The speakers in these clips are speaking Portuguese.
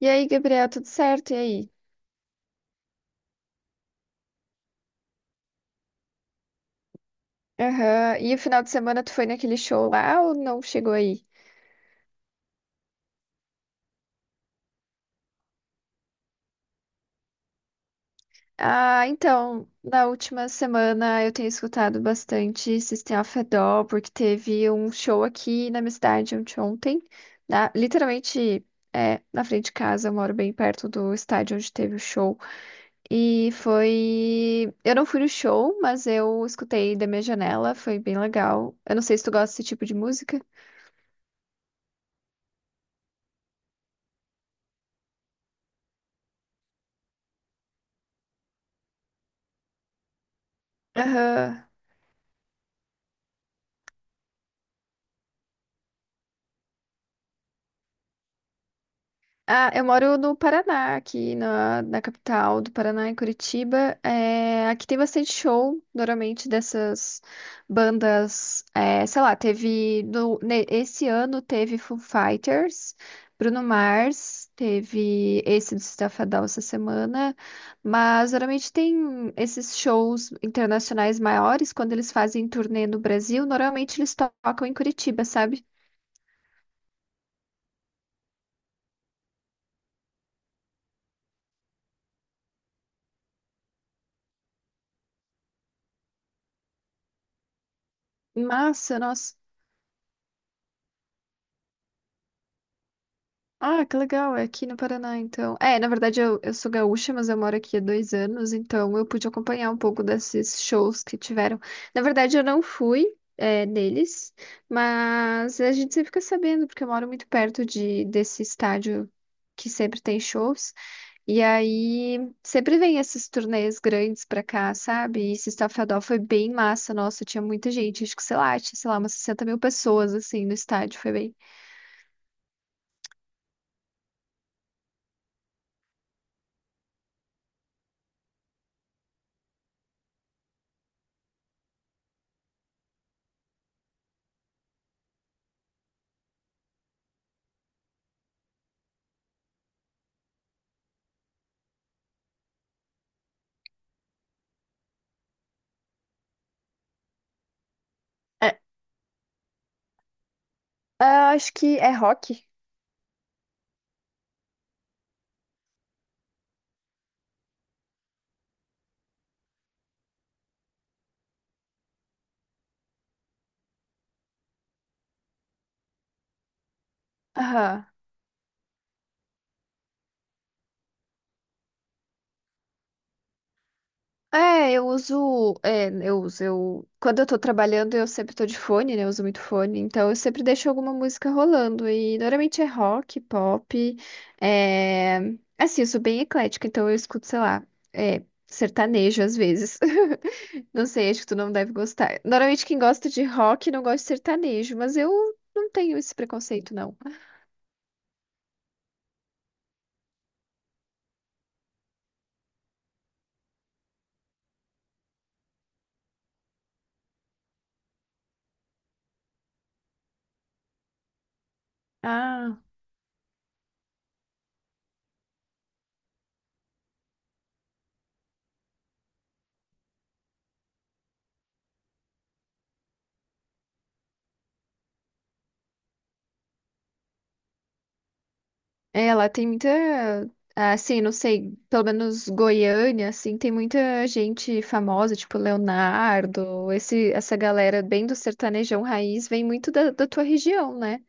E aí, Gabriel, tudo certo? E aí? Aham. E o final de semana tu foi naquele show lá ou não chegou aí? Ah, então, na última semana eu tenho escutado bastante System of a Down, porque teve um show aqui na minha cidade ontem, na, literalmente na frente de casa, eu moro bem perto do estádio onde teve o show. E foi. Eu não fui no show, mas eu escutei da minha janela, foi bem legal. Eu não sei se tu gosta desse tipo de música. Aham. Ah, eu moro no Paraná, aqui na capital do Paraná, em Curitiba. É, aqui tem bastante show, normalmente, dessas bandas. É, sei lá, teve. No, ne- Esse ano teve Foo Fighters, Bruno Mars, teve esse do Staff Down essa semana. Mas normalmente tem esses shows internacionais maiores, quando eles fazem turnê no Brasil, normalmente eles tocam em Curitiba, sabe? Massa, nossa. Ah, que legal, é aqui no Paraná, então. É, na verdade eu sou gaúcha, mas eu moro aqui há 2 anos, então eu pude acompanhar um pouco desses shows que tiveram. Na verdade eu não fui, neles, mas a gente sempre fica sabendo, porque eu moro muito perto desse estádio que sempre tem shows, e aí sempre vem esses turnês grandes pra cá, sabe? E esse Estafadão foi bem massa, nossa, tinha muita gente, acho que sei lá, tinha, sei lá, umas 60 mil pessoas, assim, no estádio, foi bem... É, ah, acho que é rock. Aham. É, eu uso, eu, quando eu tô trabalhando, eu sempre tô de fone, né? Eu uso muito fone, então eu sempre deixo alguma música rolando e normalmente é rock, pop, é, assim, eu sou bem eclética, então eu escuto, sei lá, sertanejo às vezes. Não sei, acho que tu não deve gostar. Normalmente quem gosta de rock não gosta de sertanejo, mas eu não tenho esse preconceito, não. Ah. É, lá tem muita, assim, não sei, pelo menos Goiânia, assim, tem muita gente famosa, tipo Leonardo, esse, essa galera bem do sertanejão raiz vem muito da tua região, né?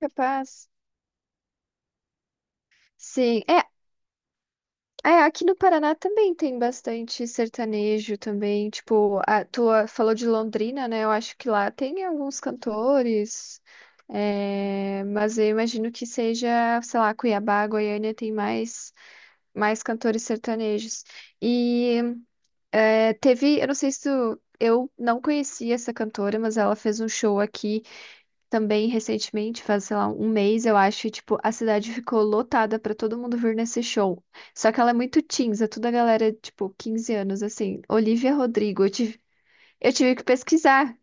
Capaz. Sim, aqui no Paraná também tem bastante sertanejo também, tipo, a tua falou de Londrina, né? Eu acho que lá tem alguns cantores, é, mas eu imagino que seja, sei lá, Cuiabá, Goiânia tem mais cantores sertanejos. E é, teve, eu não sei se tu, eu não conhecia essa cantora, mas ela fez um show aqui também recentemente, faz, sei lá, um mês, eu acho, e, tipo, a cidade ficou lotada pra todo mundo vir nesse show. Só que ela é muito teens, é toda a galera, tipo, 15 anos, assim. Olivia Rodrigo, eu tive que pesquisar.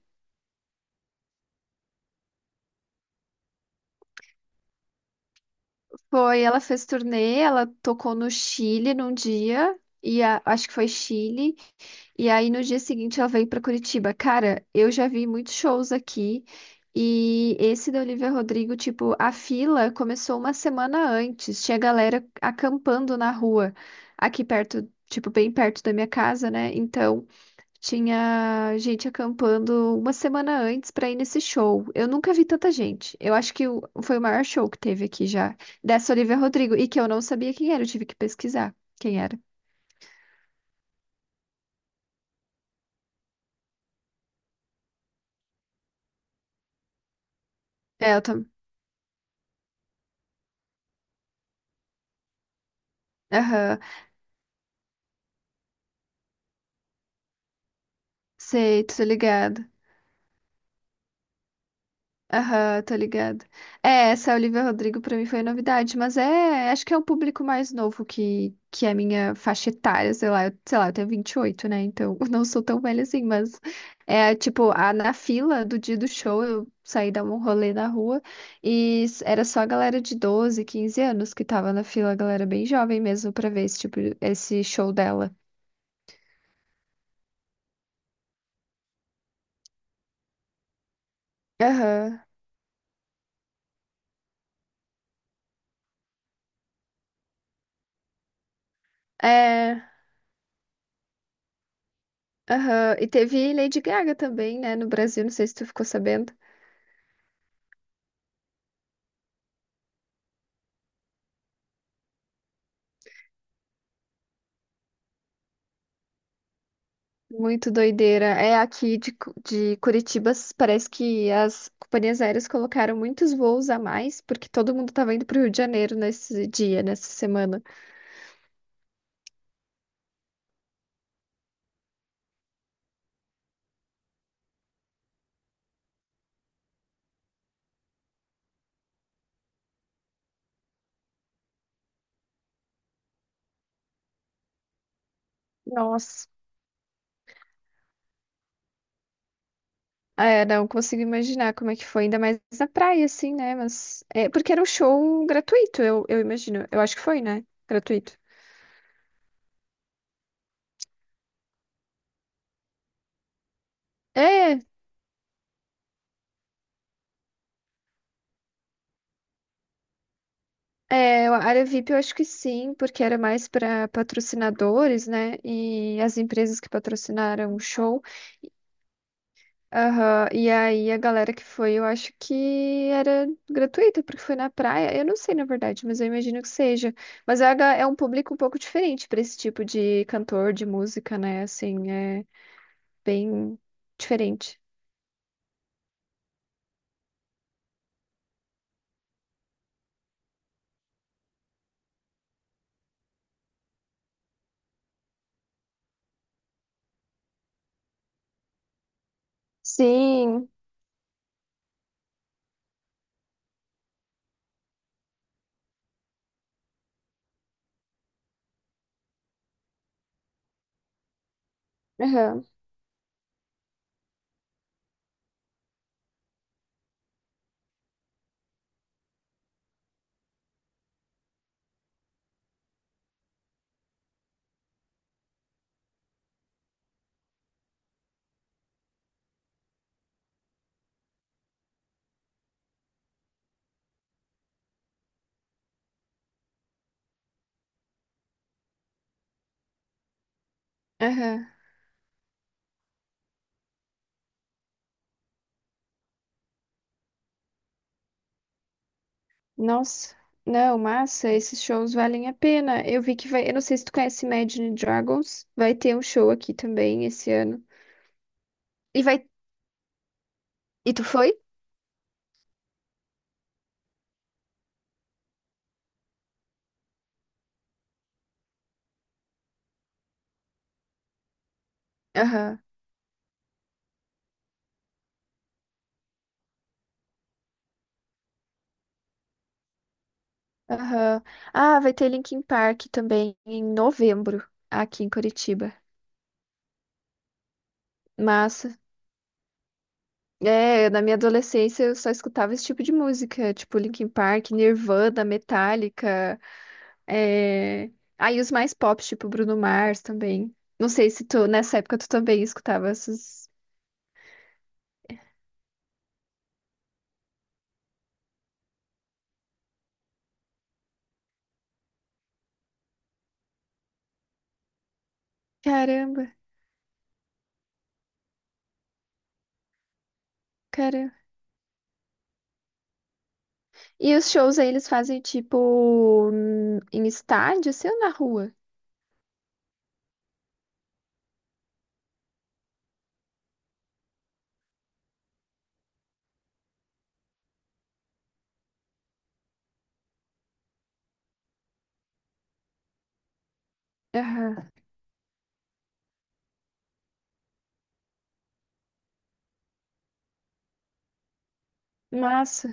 Foi, ela fez turnê, ela tocou no Chile num dia, e acho que foi Chile. E aí no dia seguinte ela veio pra Curitiba. Cara, eu já vi muitos shows aqui e esse da Olivia Rodrigo, tipo, a fila começou uma semana antes. Tinha galera acampando na rua aqui perto, tipo, bem perto da minha casa, né? Então, tinha gente acampando uma semana antes pra ir nesse show. Eu nunca vi tanta gente. Eu acho que foi o maior show que teve aqui já dessa Olivia Rodrigo e que eu não sabia quem era, eu tive que pesquisar quem era. É, eu também. Sei, tô ligada. Aham, tô ligada. É, essa Olivia Rodrigo pra mim foi novidade, mas é, acho que é um público mais novo que é a minha faixa etária, sei lá, eu tenho 28, né? Então, não sou tão velha assim, mas é tipo, a, na fila do dia do show, eu saí dar um rolê na rua e era só a galera de 12, 15 anos que tava na fila, a galera bem jovem mesmo pra ver esse tipo, esse show dela. Aham. É. Aham, e teve Lady Gaga também, né, no Brasil, não sei se tu ficou sabendo. Muito doideira. É aqui de, de Curitiba, s- parece que as companhias aéreas colocaram muitos voos a mais, porque todo mundo tava indo pro Rio de Janeiro nesse dia, nessa semana. Nossa. É, não consigo imaginar como é que foi, ainda mais na praia, assim, né? Mas. É, porque era um show gratuito, eu imagino. Eu acho que foi, né? Gratuito. É, É, a área VIP eu acho que sim, porque era mais para patrocinadores, né? E as empresas que patrocinaram o show. Aham. E aí a galera que foi, eu acho que era gratuita, porque foi na praia. Eu não sei, na verdade, mas eu imagino que seja. Mas é é um público um pouco diferente para esse tipo de cantor, de música, né? Assim, é bem diferente. Sim. Aham. Aham. Nossa, não, massa, esses shows valem a pena. Eu vi que vai, eu não sei se tu conhece Imagine Dragons, vai ter um show aqui também esse ano. E vai, e tu foi? Aham, aham. Ah, vai ter Linkin Park também em novembro, aqui em Curitiba. Massa. É, na minha adolescência eu só escutava esse tipo de música, tipo Linkin Park, Nirvana, Metallica, é... aí os mais pop, tipo Bruno Mars também. Não sei se tu, nessa época tu também escutava esses... Caramba! Cara. E os shows aí eles fazem tipo em estádio, assim, ou na rua? Aham. Massa.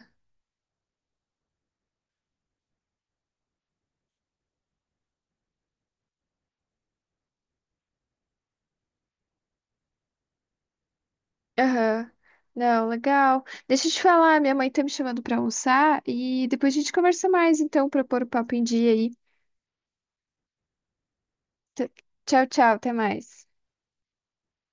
Aham. Não, legal. Deixa eu te falar, minha mãe tá me chamando pra almoçar e depois a gente conversa mais, então, pra pôr o papo em dia aí. T- Tchau, tchau, até mais.